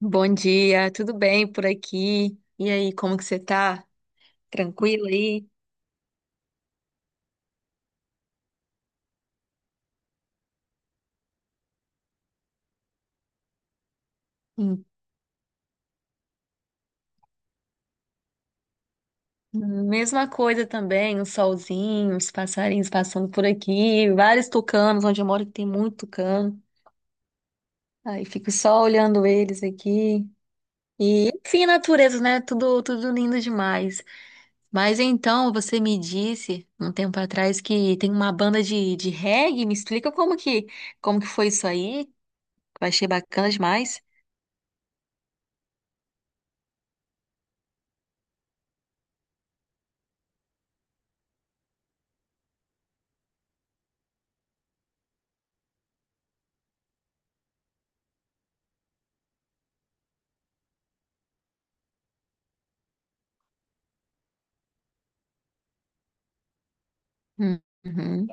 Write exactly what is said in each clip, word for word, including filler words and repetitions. Bom dia, tudo bem por aqui? E aí, como que você tá? Tranquilo aí? Hum. Mesma coisa também, o solzinho, os passarinhos passando por aqui, vários tucanos, onde eu moro que tem muito tucano. Aí fico só olhando eles aqui. E, enfim, natureza, né? Tudo, tudo lindo demais. Mas então, você me disse um tempo atrás que tem uma banda de, de reggae. Me explica como que, como que foi isso aí? Eu achei bacana demais. Uhum.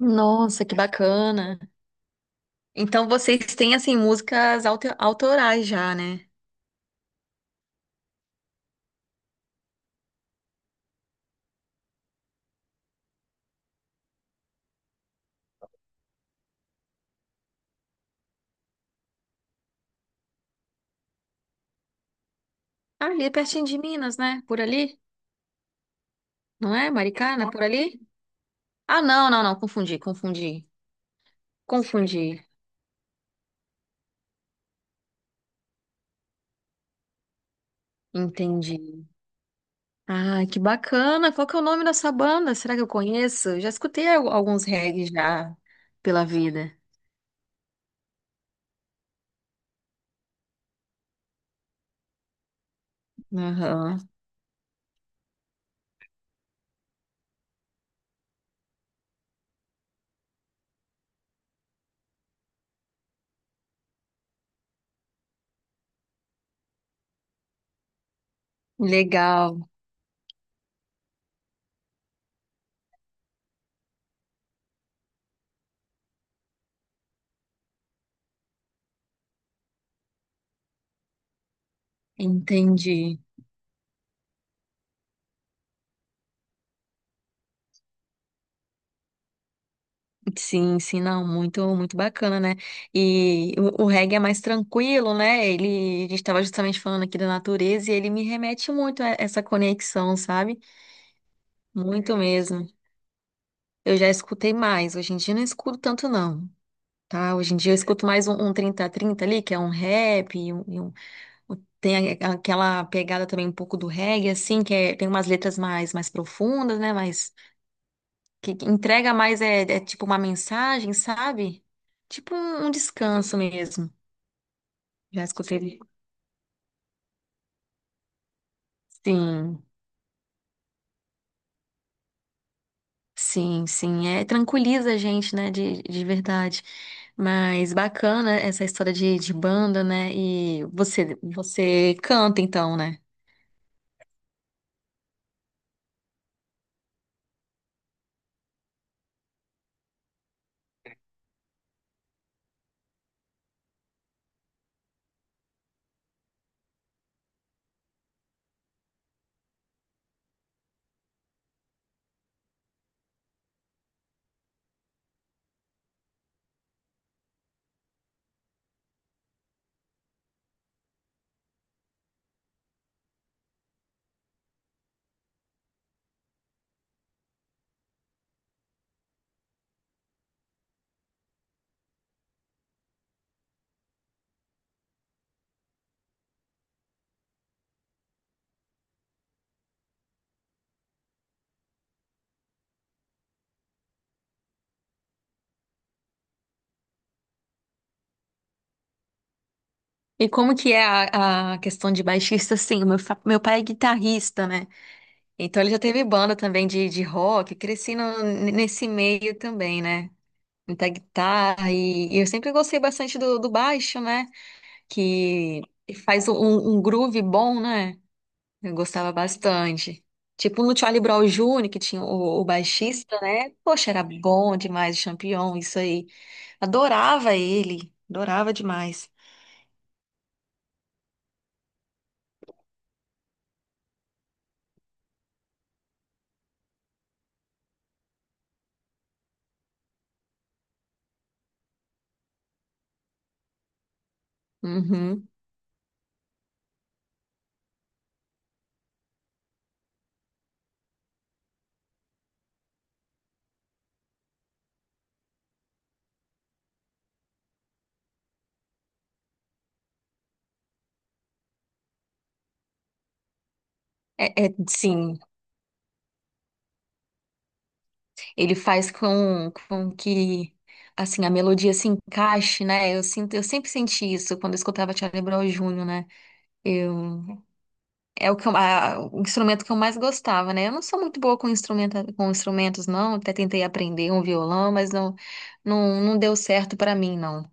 Nossa, que bacana. Então vocês têm assim músicas auto- autorais já, né? Ali pertinho de Minas, né? Por ali, não é? Maricana, por ali? Ah, não, não, não, confundi, confundi. Confundi. Entendi. Ah, que bacana. Qual que é o nome dessa banda? Será que eu conheço? Eu já escutei al- alguns reggae já pela vida. Aham. Legal. Entendi. Sim, sim, não, muito, muito bacana, né? E o, o reggae é mais tranquilo, né? Ele, a gente estava justamente falando aqui da natureza e ele me remete muito a essa conexão, sabe? Muito mesmo. Eu já escutei mais, hoje em dia eu não escuto tanto não, tá? Hoje em dia eu escuto mais um, um trinta a trinta ali, que é um rap, e um, e um- um- tem a- aquela pegada também um pouco do reggae, assim, que é- tem umas letras mais, mais profundas, né? Mais, Que que entrega mais é, é tipo uma mensagem, sabe? Tipo um, um descanso mesmo. Já escutei ele. Sim, sim, sim. É, tranquiliza a gente, né? De, de verdade. Mas bacana essa história de, de banda, né? E você, você canta então, né? E como que é a, a questão de baixista? Sim, o meu, fa- meu pai é guitarrista, né? Então ele já teve banda também de, de rock, cresci no- nesse meio também, né? Muita guitarra e, e eu sempre gostei bastante do, do baixo, né? Que faz um, um um groove bom, né? Eu gostava bastante. Tipo no Charlie Brown Júnior que tinha o, o baixista, né? Poxa, era bom demais, o Champion, isso aí. Adorava ele, adorava demais. Uhum. É, é, sim, ele faz com, com que assim a melodia se encaixe, né? Eu sinto, eu sempre senti isso quando eu escutava Charlie Brown Júnior, né? eu É o que eu- a- o instrumento que eu mais gostava, né? Eu não sou muito boa com instrumenta, com instrumentos, não. Até tentei aprender um violão, mas não, não, não deu certo pra mim, não.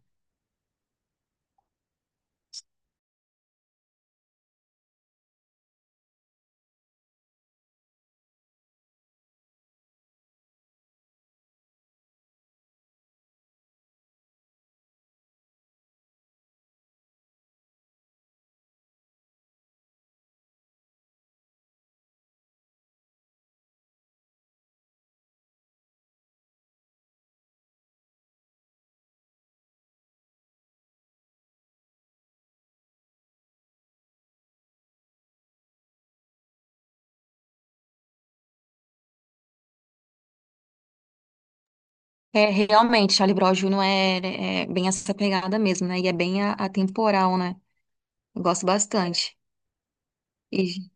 É, realmente, Charlie Brown júnior é, é bem essa pegada mesmo, né? E é bem a- atemporal, né? Eu gosto bastante. E-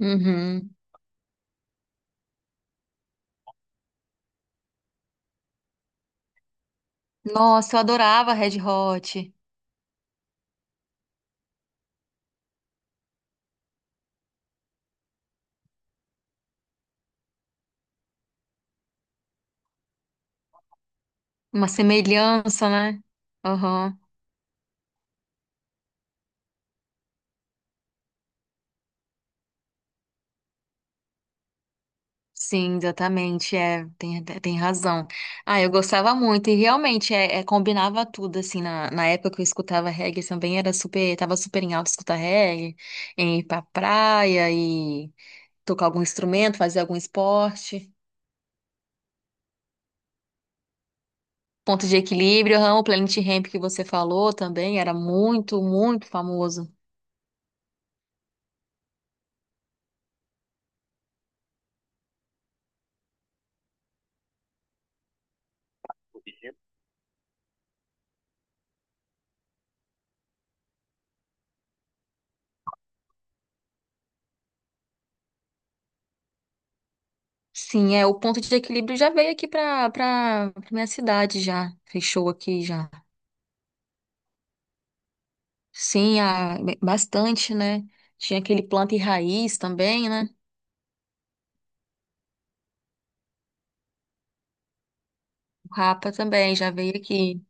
Uhum. Nossa, eu adorava Red Hot. Uma semelhança, né? Sim, exatamente, é, tem, tem razão. Ah, eu gostava muito, e realmente, é, é, combinava tudo, assim, na, na época que eu escutava reggae também, era super, tava super em alta escutar reggae, em ir pra praia e tocar algum instrumento, fazer algum esporte. Ponto de equilíbrio, aham, o Planet Hemp que você falou também, era muito, muito famoso. Sim, é, o ponto de equilíbrio já veio aqui pra, pra, pra minha cidade já, fechou aqui já. Sim, a, bastante, né? Tinha aquele planta e raiz também, né? O Rapa também já veio aqui.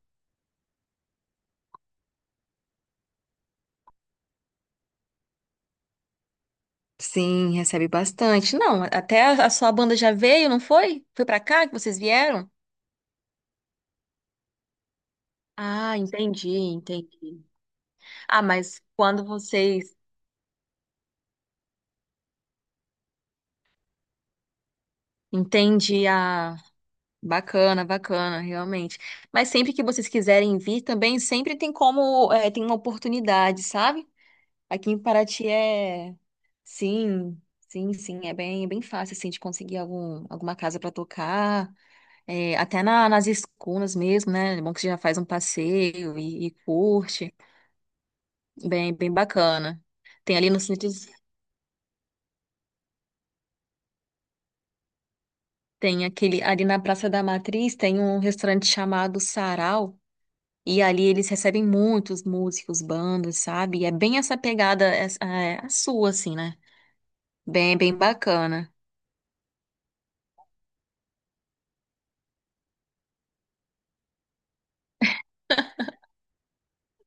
Sim, recebe bastante. Não, até a, a sua banda já veio, não foi? Foi pra cá que vocês vieram? Ah, entendi, entendi. Ah, mas quando vocês entendi, a bacana, bacana, realmente. Mas sempre que vocês quiserem vir também, sempre tem como, é, tem uma oportunidade, sabe? Aqui em Paraty é. Sim, sim, sim. É bem, bem fácil, assim, de conseguir algum, alguma casa para tocar. É, até na- nas escunas mesmo, né? É bom que você já faz um passeio e, e curte. Bem, bem bacana. Tem ali no centro, tem aquele. Ali na Praça da Matriz tem um restaurante chamado Sarau. E ali eles recebem muitos músicos, bandas, sabe? E é bem essa pegada, essa- é, a sua, assim, né? Bem, bem bacana.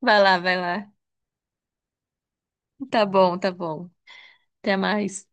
Vai lá, vai lá. Tá bom, tá bom. Até mais.